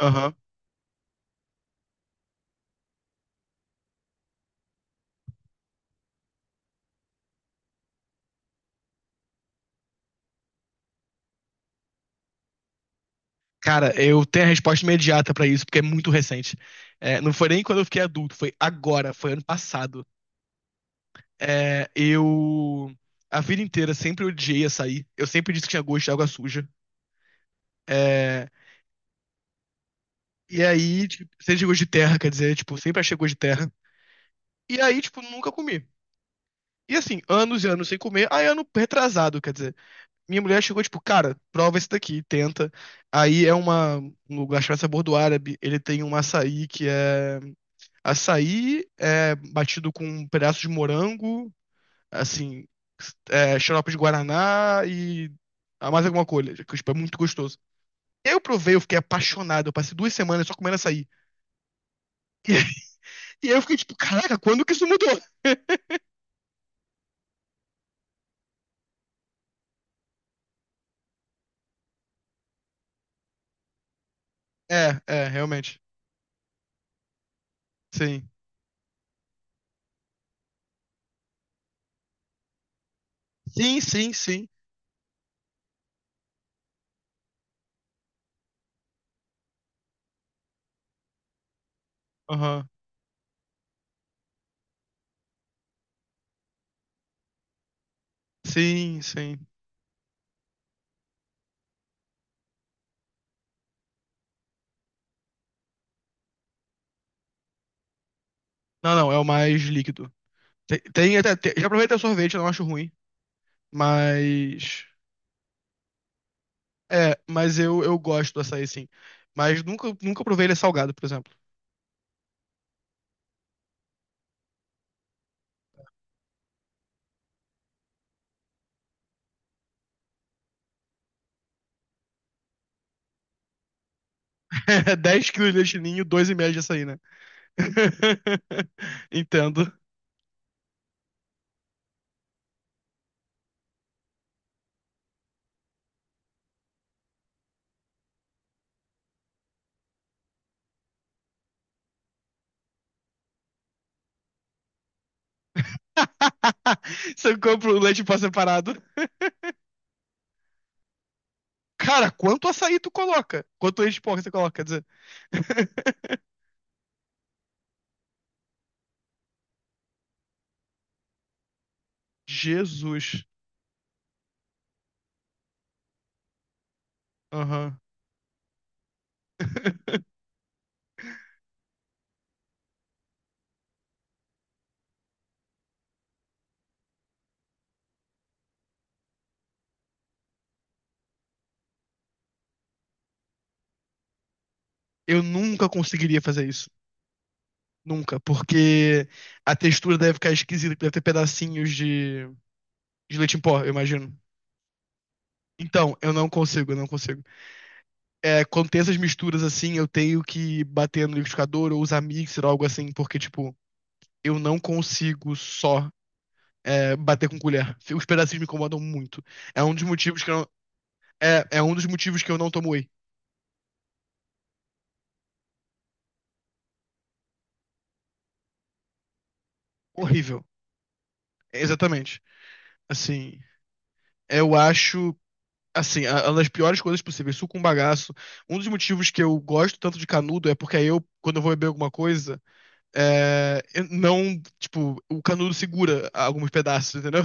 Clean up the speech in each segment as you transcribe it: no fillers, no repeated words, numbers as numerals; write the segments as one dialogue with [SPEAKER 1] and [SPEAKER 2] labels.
[SPEAKER 1] Aham. Cara, eu tenho a resposta imediata pra isso, porque é muito recente. Não foi nem quando eu fiquei adulto, foi agora, foi ano passado. É, eu. A vida inteira sempre odiei açaí. Eu sempre disse que tinha gosto de água suja. É, e aí, tipo, sempre tinha gosto de terra, quer dizer, tipo, sempre achei gosto de terra. E aí, tipo, nunca comi. E assim, anos e anos sem comer. Aí, ano retrasado, quer dizer. Minha mulher chegou, tipo, cara, prova esse daqui, tenta. Aí é uma. Um lugar chamado Sabor do Árabe. Ele tem um açaí que é Açaí é batido com um pedaço de morango, assim, xarope de guaraná e mais alguma coisa, que tipo, é muito gostoso. Eu provei, eu fiquei apaixonado, eu passei 2 semanas só comendo açaí. E aí eu fiquei tipo, caraca, quando que isso mudou? É, é, realmente. Sim. Sim, sim, sim. Aham. Sim, sim. Não, não, é o mais líquido. Já provei até sorvete, eu não acho ruim, mas eu gosto do açaí, sim. Mas nunca, nunca provei ele salgado, por exemplo. 10 quilos de leite ninho, 2,5 de açaí, né? Entendo. Você compra o leite em pó separado. Cara, quanto açaí tu coloca? Quanto leite de porco você coloca, quer dizer? Jesus. Aham. Eu nunca conseguiria fazer isso. Nunca. Porque a textura deve ficar esquisita, deve ter pedacinhos de leite em pó, eu imagino. Então, eu não consigo, eu não consigo. Quando tem essas misturas assim, eu tenho que bater no liquidificador ou usar mixer ou algo assim, porque, tipo, eu não consigo só bater com colher. Os pedacinhos me incomodam muito. É um dos motivos que eu não, É um dos motivos que eu não tomo whey. Horrível. Exatamente. Assim, eu acho, assim, uma das piores coisas possíveis, suco com bagaço. Um dos motivos que eu gosto tanto de canudo é porque aí eu, quando eu vou beber alguma coisa, eu não, tipo, o canudo segura alguns pedaços, entendeu?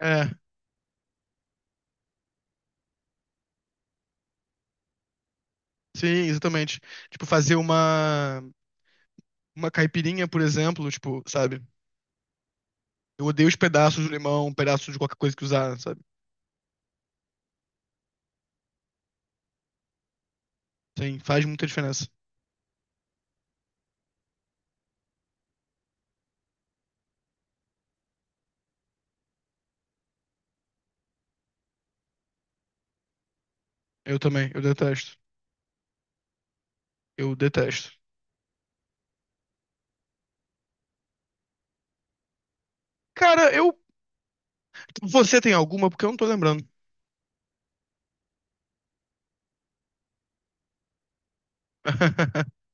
[SPEAKER 1] É. Sim, exatamente. Tipo, fazer uma caipirinha, por exemplo, tipo, sabe? Eu odeio os pedaços de limão, pedaços de qualquer coisa que usar, sabe? Sim, faz muita diferença. Eu também, eu detesto. Eu detesto. Cara, eu. Você tem alguma? Porque eu não tô lembrando.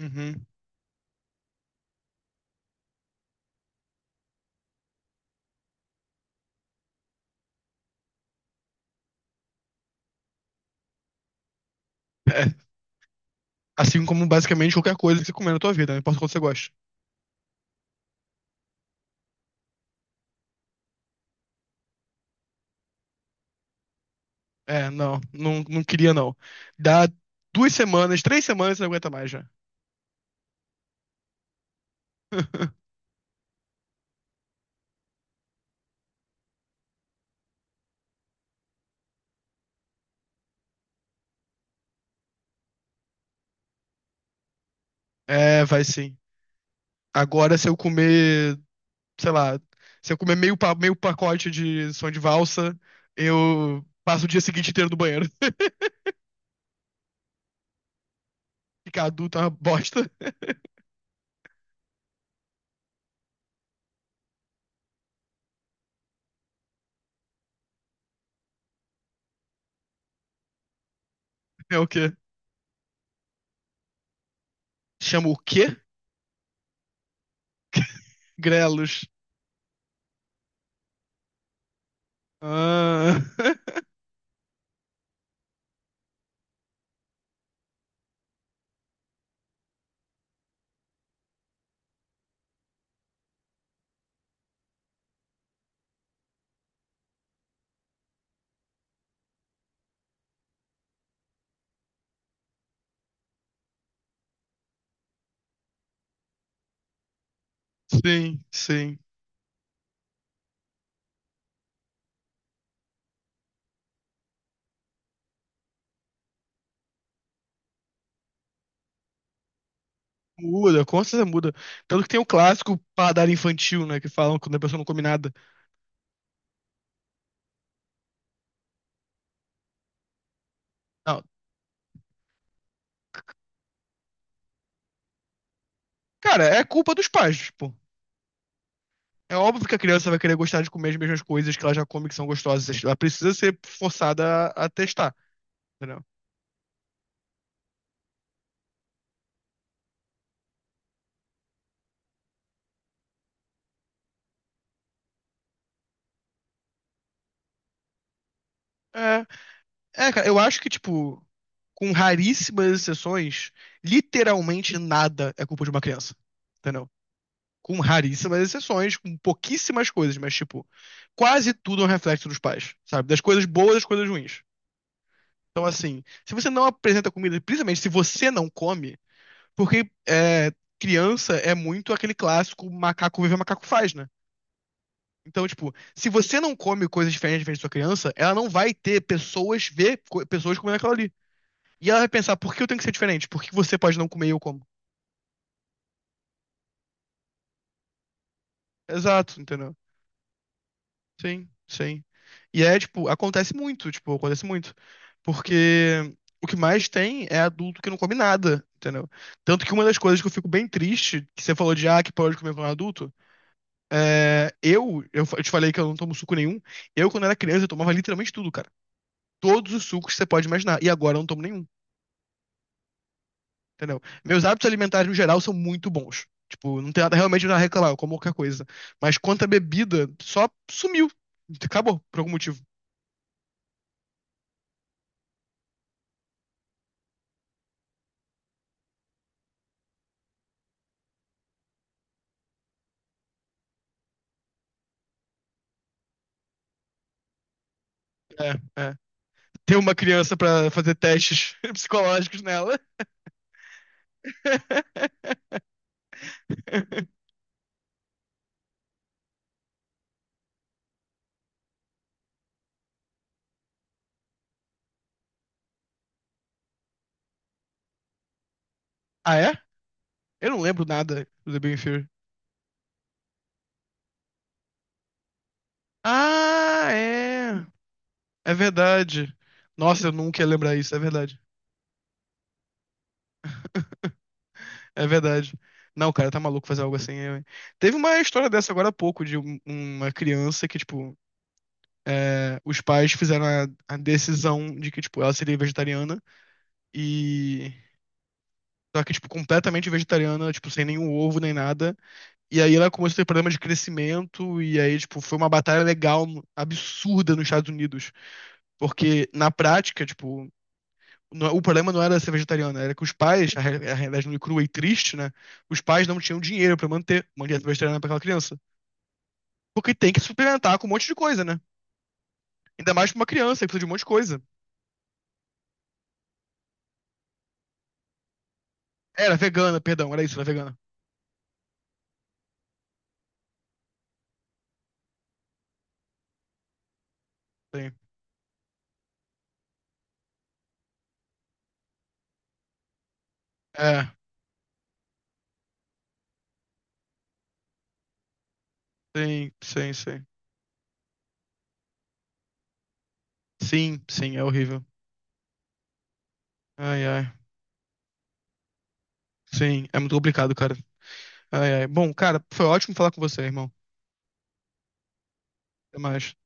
[SPEAKER 1] Uhum. É. Assim como basicamente qualquer coisa que você comer na tua vida, não importa quanto você gosta. É, não, não, não queria não. Dá 2 semanas, 3 semanas, você não aguenta mais já. É, vai sim. Agora, se eu comer sei lá, se eu comer meio, pa- meio pacote de som de valsa, eu passo o dia seguinte inteiro no banheiro. Ficar adulto é uma bosta. É o quê? Chama o quê? Grelos. Ah, sim, sim. Muda, com certeza muda. Tanto que tem o clássico paladar infantil, né? Que falam quando a pessoa não come nada. Não. Cara, é culpa dos pais, tipo. É óbvio que a criança vai querer gostar de comer as mesmas coisas que ela já come que são gostosas. Ela precisa ser forçada a testar. Entendeu? É, cara, eu acho que, tipo, com raríssimas exceções, literalmente nada é culpa de uma criança, entendeu? Com raríssimas exceções, com pouquíssimas coisas, mas, tipo, quase tudo é um reflexo dos pais, sabe? Das coisas boas, das coisas ruins. Então, assim, se você não apresenta comida, principalmente se você não come, porque é, criança é muito aquele clássico macaco vive, macaco faz, né? Então, tipo, se você não come coisas diferentes da sua criança, ela não vai ter pessoas pessoas comendo aquilo ali. E ela vai pensar, por que eu tenho que ser diferente? Por que você pode não comer e eu como? Exato, entendeu? Sim, sim. E é, tipo, acontece muito, tipo, acontece muito. Porque o que mais tem é adulto que não come nada, entendeu? Tanto que uma das coisas que eu fico bem triste, que você falou de, ah, que pode comer quando é adulto, eu te falei que eu não tomo suco nenhum. Eu, quando era criança, eu tomava literalmente tudo, cara. Todos os sucos que você pode imaginar. E agora eu não tomo nenhum. Entendeu? Meus hábitos alimentares, no geral, são muito bons. Tipo, não tem nada realmente nada a reclamar, eu como qualquer coisa. Mas quanto à bebida, só sumiu. Acabou, por algum motivo. É, é. Tem uma criança pra fazer testes psicológicos nela. Ah, é? Eu não lembro nada do The Big Bang. Ah, é. É verdade. Nossa, eu nunca ia lembrar isso, é verdade. É verdade. Não, cara, tá maluco fazer algo assim. Teve uma história dessa agora há pouco, de uma criança que, tipo, os pais fizeram a decisão de que, tipo, ela seria vegetariana e. Só que, tipo, completamente vegetariana, tipo, sem nenhum ovo nem nada. E aí ela começou a ter problema de crescimento, e aí, tipo, foi uma batalha legal absurda nos Estados Unidos. Porque, na prática, tipo, o problema não era ser vegetariana, era que os pais, a realidade nua e crua e triste, né? Os pais não tinham dinheiro pra manter uma dieta vegetariana pra aquela criança. Porque tem que suplementar com um monte de coisa, né? Ainda mais pra uma criança que precisa de um monte de coisa. Era vegana, perdão, era isso, era vegana. É, sim, sim, sim. Sim, sim, é horrível. Ai, ai. Sim, é muito complicado, cara. Ai, ai. Bom, cara, foi ótimo falar com você, irmão. Até mais.